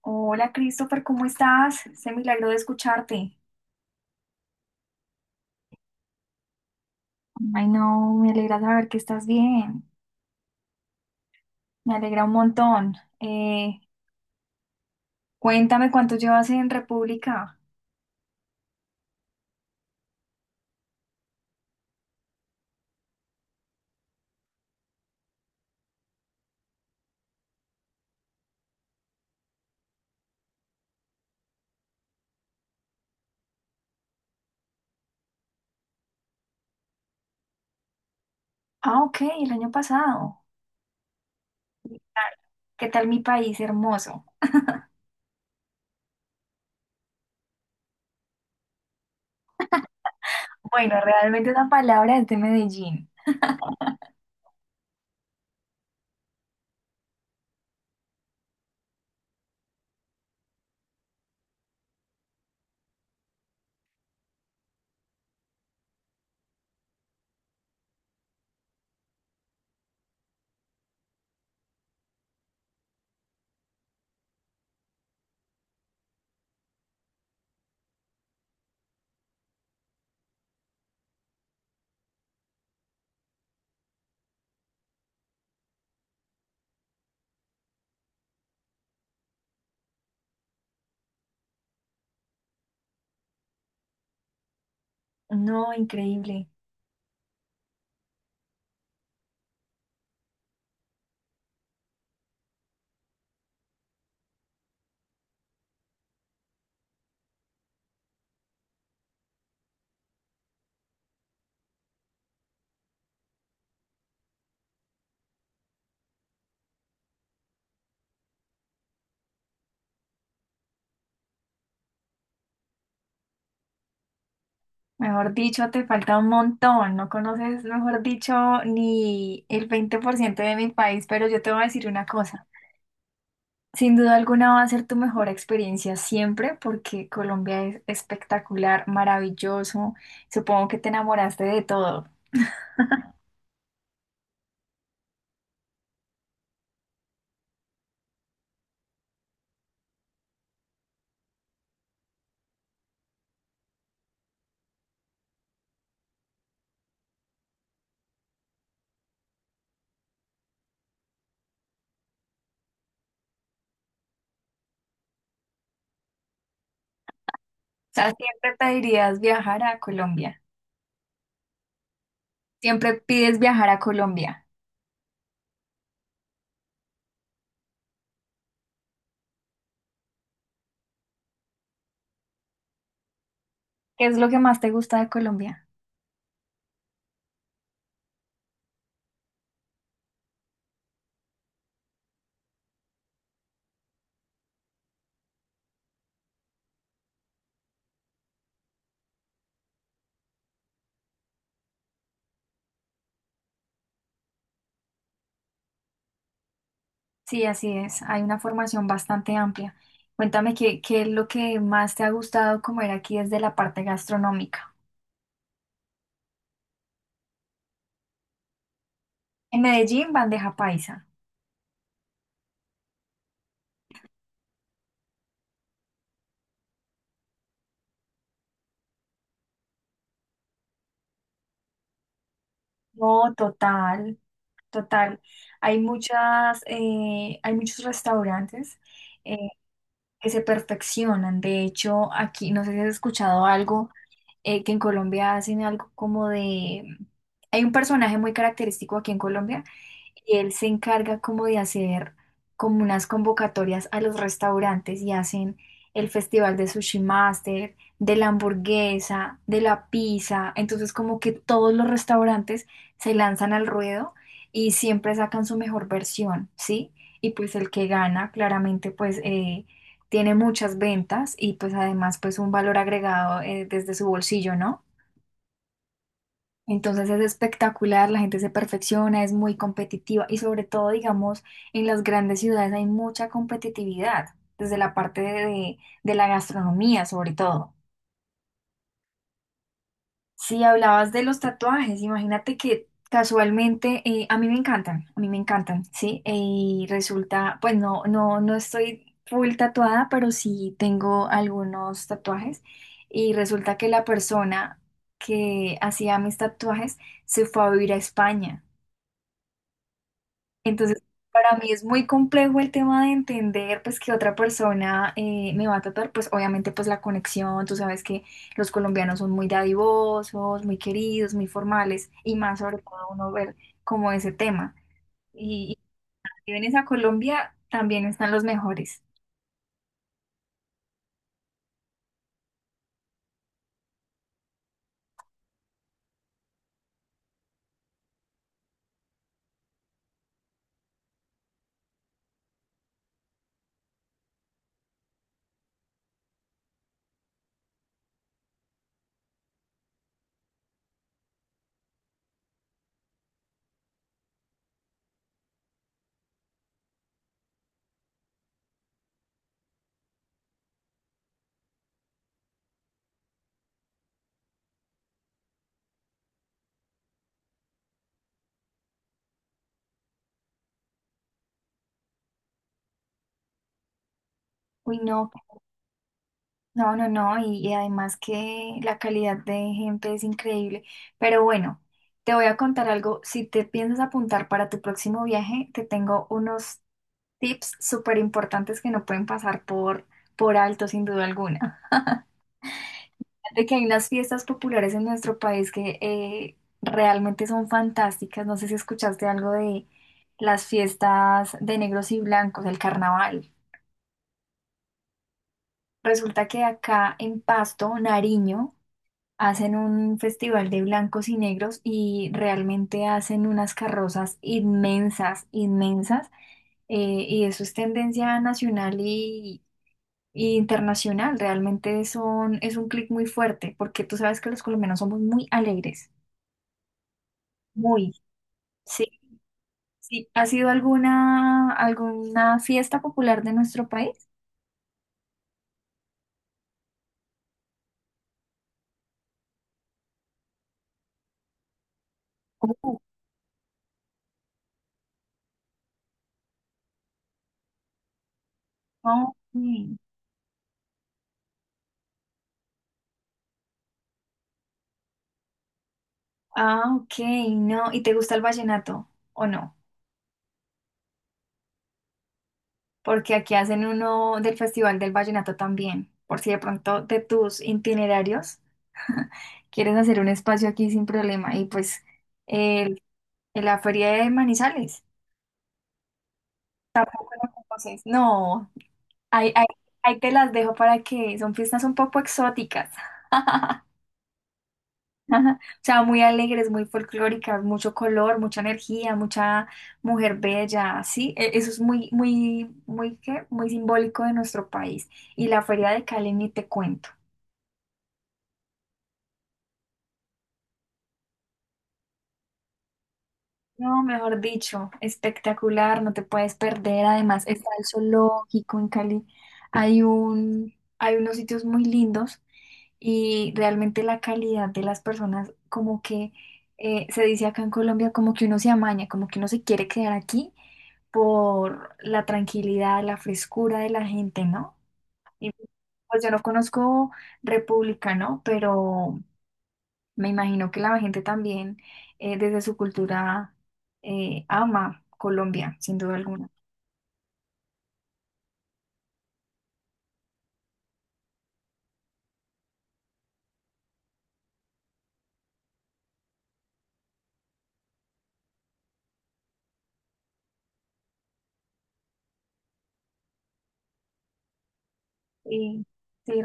Hola Christopher, ¿cómo estás? Se milagro de escucharte. Ay, no, me alegra saber que estás bien. Me alegra un montón. Eh, Cuéntame cuánto llevas en República. Ah, ok, el año pasado. ¿Qué tal ¿Qué tal mi país hermoso? Bueno, realmente la palabra es de Medellín. No, increíble. Mejor dicho, te falta un montón. No conoces, mejor dicho, ni el 20% de mi país, pero yo te voy a decir una cosa. Sin duda alguna va a ser tu mejor experiencia siempre porque Colombia es espectacular, maravilloso. Supongo que te enamoraste de todo. O sea, siempre pedirías viajar a Colombia. Siempre pides viajar a Colombia. ¿Qué es lo que más te gusta de Colombia? Sí, así es. Hay una formación bastante amplia. Cuéntame qué es lo que más te ha gustado comer aquí desde la parte gastronómica. En Medellín, bandeja paisa. No, total, total. Hay muchos restaurantes eh, que se perfeccionan. De hecho, aquí, no sé si has escuchado algo, que en Colombia hacen algo como de. Hay un personaje muy característico aquí en Colombia y él se encarga como de hacer como unas convocatorias a los restaurantes y hacen el festival de Sushi Master, de la hamburguesa, de la pizza, entonces como que todos los restaurantes se lanzan al ruedo y siempre sacan su mejor versión, ¿sí? Y pues el que gana claramente pues tiene muchas ventas y pues además pues un valor agregado desde su bolsillo, ¿no? Entonces es espectacular, la gente se perfecciona, es muy competitiva y sobre todo, digamos, en las grandes ciudades hay mucha competitividad, desde la parte de la gastronomía sobre todo. Si hablabas de los tatuajes, imagínate que casualmente, a mí me encantan, a mí me encantan, ¿sí? Y resulta, pues no, no, no estoy full tatuada, pero sí tengo algunos tatuajes y resulta que la persona que hacía mis tatuajes se fue a vivir a España. Entonces, para mí es muy complejo el tema de entender, pues, que otra persona me va a tratar, pues, obviamente, pues, la conexión, tú sabes que los colombianos son muy dadivosos, muy queridos, muy formales, y más sobre todo uno ver como ese tema. Y si vienes a Colombia, también están los mejores. Uy, no, no, no, no, y además que la calidad de gente es increíble. Pero bueno, te voy a contar algo. Si te piensas apuntar para tu próximo viaje, te tengo unos tips súper importantes que no pueden pasar por alto, sin duda alguna. De que hay unas fiestas populares en nuestro país que realmente son fantásticas. No sé si escuchaste algo de las fiestas de negros y blancos, el carnaval. Resulta que acá en Pasto, Nariño, hacen un festival de blancos y negros y realmente hacen unas carrozas inmensas, inmensas. Y eso es tendencia nacional internacional. Realmente es un clic muy fuerte, porque tú sabes que los colombianos somos muy alegres, muy. Sí, sí. ¿Ha sido alguna fiesta popular de nuestro país? Oh, ok. Ah, ok, no. ¿Y te gusta el vallenato o no? Porque aquí hacen uno del Festival del Vallenato también, por si de pronto de tus itinerarios quieres hacer un espacio aquí sin problema. Y pues el- en la feria de Manizales. Bueno, entonces, no. Ahí, ahí- Ahí te las dejo para que son fiestas un poco exóticas, o sea, muy alegres, muy folclóricas, mucho color, mucha energía, mucha mujer bella, sí. Eso es muy, muy, muy, ¿qué? Muy simbólico de nuestro país. Y la Feria de Cali ni te cuento. No, mejor dicho, espectacular, no te puedes perder. Además, está el zoológico en Cali. Hay unos sitios muy lindos y realmente la calidad de las personas, como que se dice acá en Colombia, como que uno se amaña, como que uno se quiere quedar aquí por la tranquilidad, la frescura de la gente, ¿no? Y pues yo no conozco República, ¿no? Pero me imagino que la gente también, desde su cultura, ama Colombia, sin duda alguna. Sí, sí.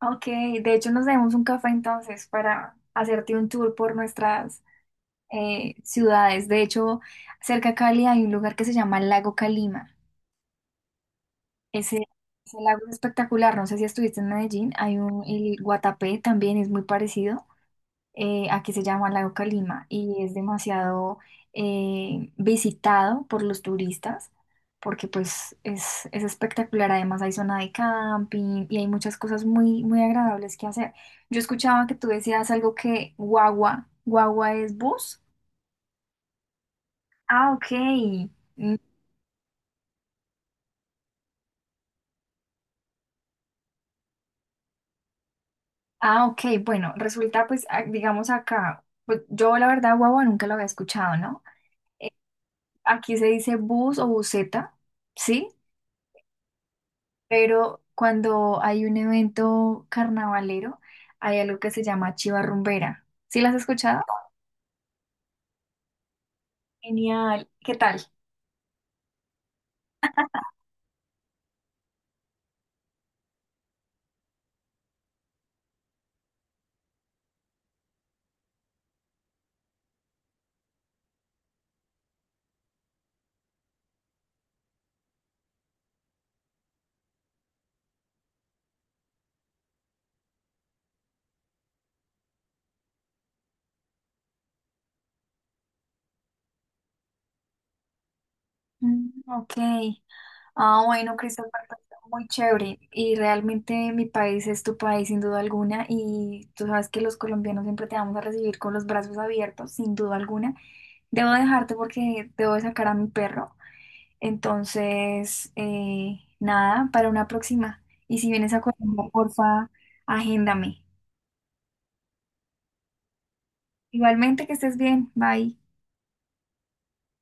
Ok, de hecho nos debemos un café entonces para hacerte un tour por nuestras ciudades. De hecho, cerca a Cali hay un lugar que se llama Lago Calima. Ese, ese lago es espectacular, no sé si estuviste en Medellín, el Guatapé también es muy parecido. Aquí se llama Lago Calima y es demasiado visitado por los turistas porque pues es espectacular, además hay zona de camping y hay muchas cosas muy, muy agradables que hacer. Yo escuchaba que tú decías algo que guagua, guagua es bus. Ah, ok. Mm, Ah, ok, bueno, resulta pues, digamos acá, pues yo la verdad guagua nunca lo había escuchado, ¿no? Eh, Aquí se dice bus o buseta, ¿sí? Pero cuando hay un evento carnavalero, hay algo que se llama chiva rumbera. ¿Sí las has escuchado? Genial. ¿Qué tal? Mm, ok. Ah, bueno, Christopher, pues, muy chévere. Y realmente mi país es tu país, sin duda alguna. Y tú sabes que los colombianos siempre te vamos a recibir con los brazos abiertos, sin duda alguna. Debo dejarte porque debo de sacar a mi perro. Entonces, nada, para una próxima. Y si vienes a Colombia, porfa, agéndame. Igualmente, que estés bien. Bye.